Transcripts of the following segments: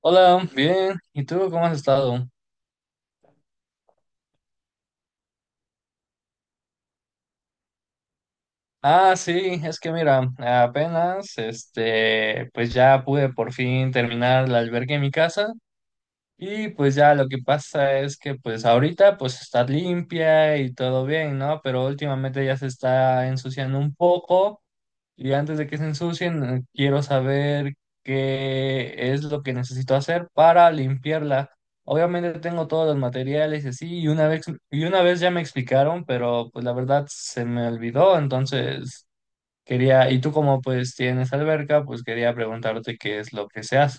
Hola, bien. ¿Y tú cómo has estado? Ah, sí, es que mira, apenas, este, pues ya pude por fin terminar la albergue en mi casa. Y pues ya lo que pasa es que pues ahorita pues está limpia y todo bien, ¿no? Pero últimamente ya se está ensuciando un poco y antes de que se ensucien quiero saber qué es lo que necesito hacer para limpiarla. Obviamente tengo todos los materiales y así y una vez ya me explicaron, pero pues la verdad se me olvidó. Entonces quería y tú como pues tienes alberca, pues quería preguntarte qué es lo que se hace.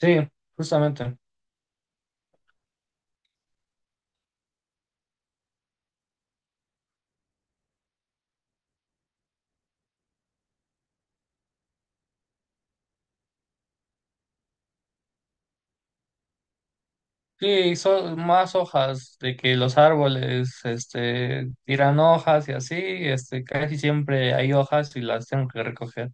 Sí, justamente. Sí, son más hojas de que los árboles, este, tiran hojas y así, este, casi siempre hay hojas y las tengo que recoger.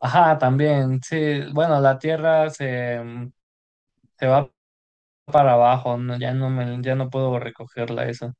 Ajá, también, sí, bueno, la tierra se va para abajo. No, ya no puedo recogerla eso.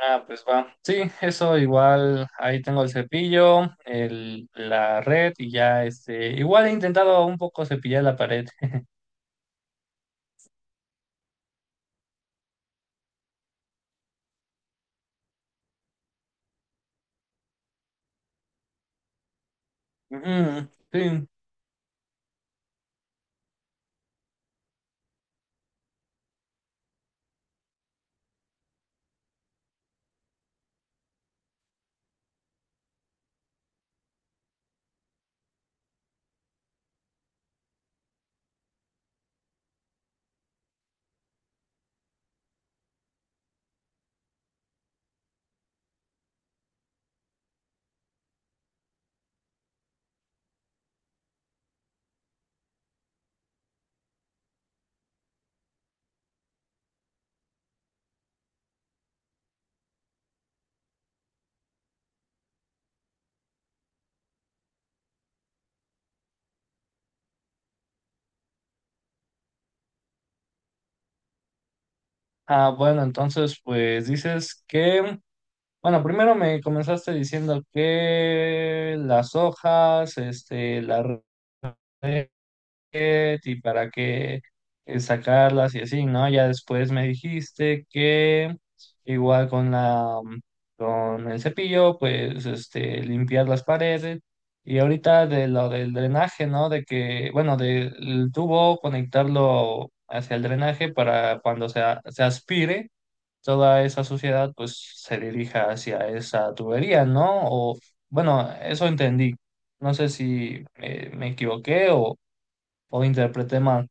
Ah, pues va. Sí, eso igual, ahí tengo el cepillo, la red y ya, este, igual he intentado un poco cepillar la pared. Ujú, sí. Ah, bueno, entonces pues dices que... Bueno, primero me comenzaste diciendo que las hojas, este, la red y para qué sacarlas y así, ¿no? Ya después me dijiste que igual con la mm, con el cepillo, pues este, limpiar las paredes. Y ahorita de lo del drenaje, ¿no? De que, bueno, del tubo conectarlo hacia el drenaje para cuando se aspire toda esa suciedad, pues se dirija hacia esa tubería, ¿no? O bueno, eso entendí. No sé si me equivoqué o interpreté mal.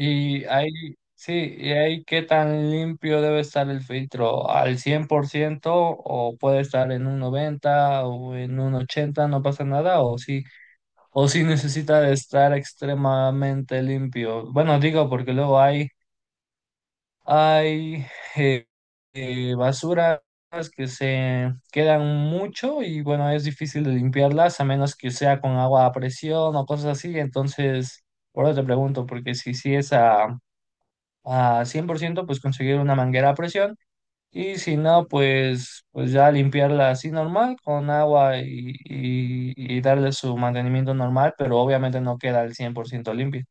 Y ahí, sí, y ahí qué tan limpio debe estar el filtro, ¿al 100% o puede estar en un 90 o en un 80 no pasa nada? ¿O sí necesita de estar extremadamente limpio? Bueno, digo porque luego hay... Hay eh, basuras que se quedan mucho y bueno, es difícil de limpiarlas a menos que sea con agua a presión o cosas así. Entonces, por eso te pregunto, porque si, sí es a 100%, pues conseguir una manguera a presión. Y si no, pues ya limpiarla así normal con agua y darle su mantenimiento normal, pero obviamente no queda al 100% limpia.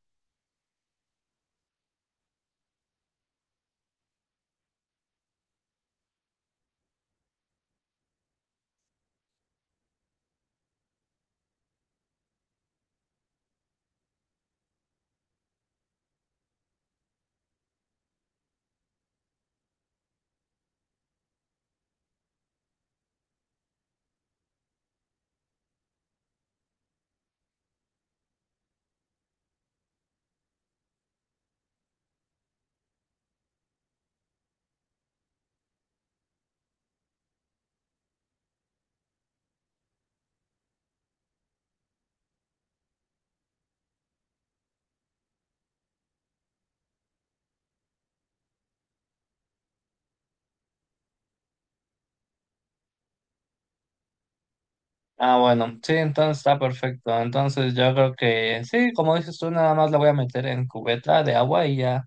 Ah, bueno, sí, entonces está perfecto. Entonces yo creo que sí, como dices tú, nada más la voy a meter en cubeta de agua y ya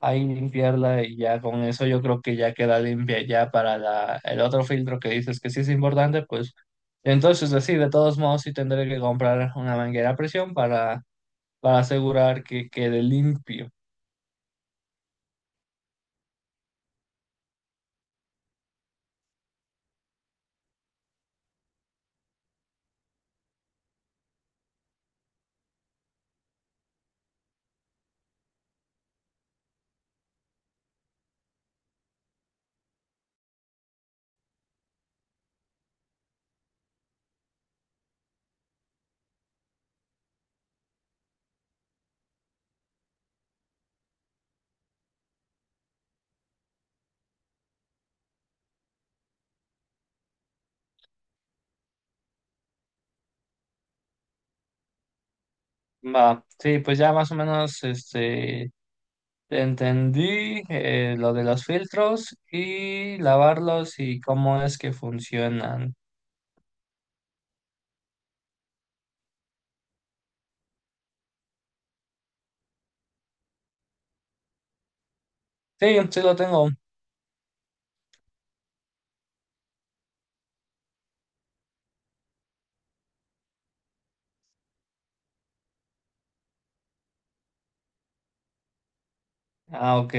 ahí limpiarla. Y ya con eso yo creo que ya queda limpia ya para la, el otro filtro que dices que sí es importante. Pues entonces así, de todos modos sí tendré que comprar una manguera a presión para asegurar que quede limpio. Va, sí, pues ya más o menos este... Entendí lo de los filtros y lavarlos y cómo es que funcionan. Sí, sí lo tengo. Ah, ok.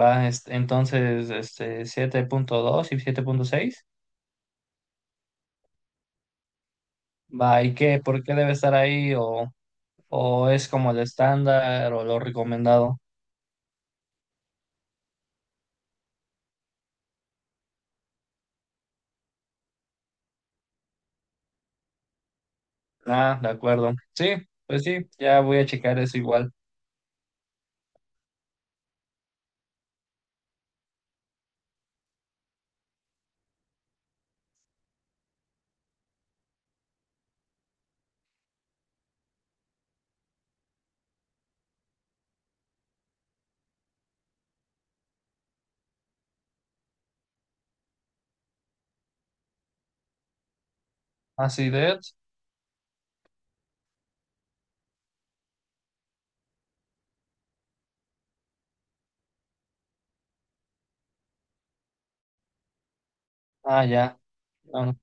Va, entonces, este, 7.2 y 7.6. Va, ¿y qué? ¿Por qué debe estar ahí? ¿O es como el estándar o lo recomendado? Ah, de acuerdo. Sí, pues sí, ya voy a checar eso igual. Acidez. Ah, ya. Ah,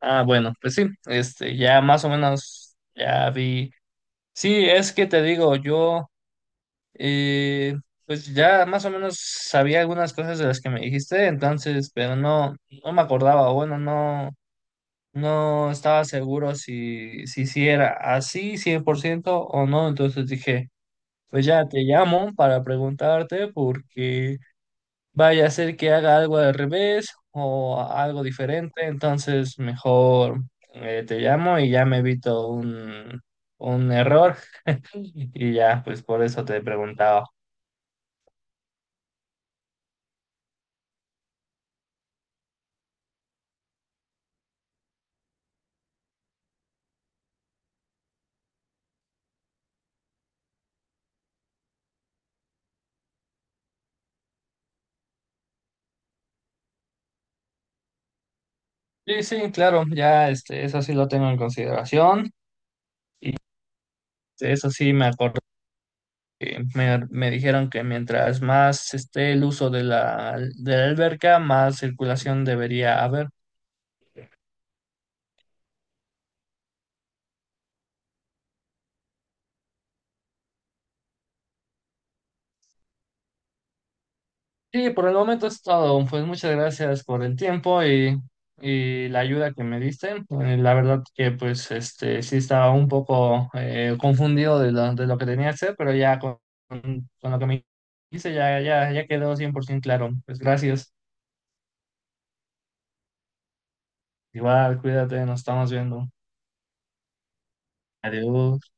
ah, bueno, pues sí, este, ya más o menos ya vi. Sí, es que te digo, yo eh, pues ya más o menos sabía algunas cosas de las que me dijiste. Entonces, pero no, no me acordaba, o bueno, no, no estaba seguro si era así 100% o no. Entonces dije, pues ya te llamo para preguntarte porque vaya a ser que haga algo al revés o algo diferente. Entonces mejor te llamo y ya me evito un error. Y ya, pues por eso te preguntaba. Sí, sí, claro, ya este, eso sí lo tengo en consideración. Eso sí me acuerdo que me dijeron que mientras más esté el uso de la alberca, más circulación debería haber. Sí, por el momento es todo. Pues muchas gracias por el tiempo y la ayuda que me diste. La verdad que pues este sí estaba un poco confundido de lo que tenía que hacer, pero ya con lo que me hice ya quedó 100% claro. Pues gracias. Igual, cuídate, nos estamos viendo. Adiós.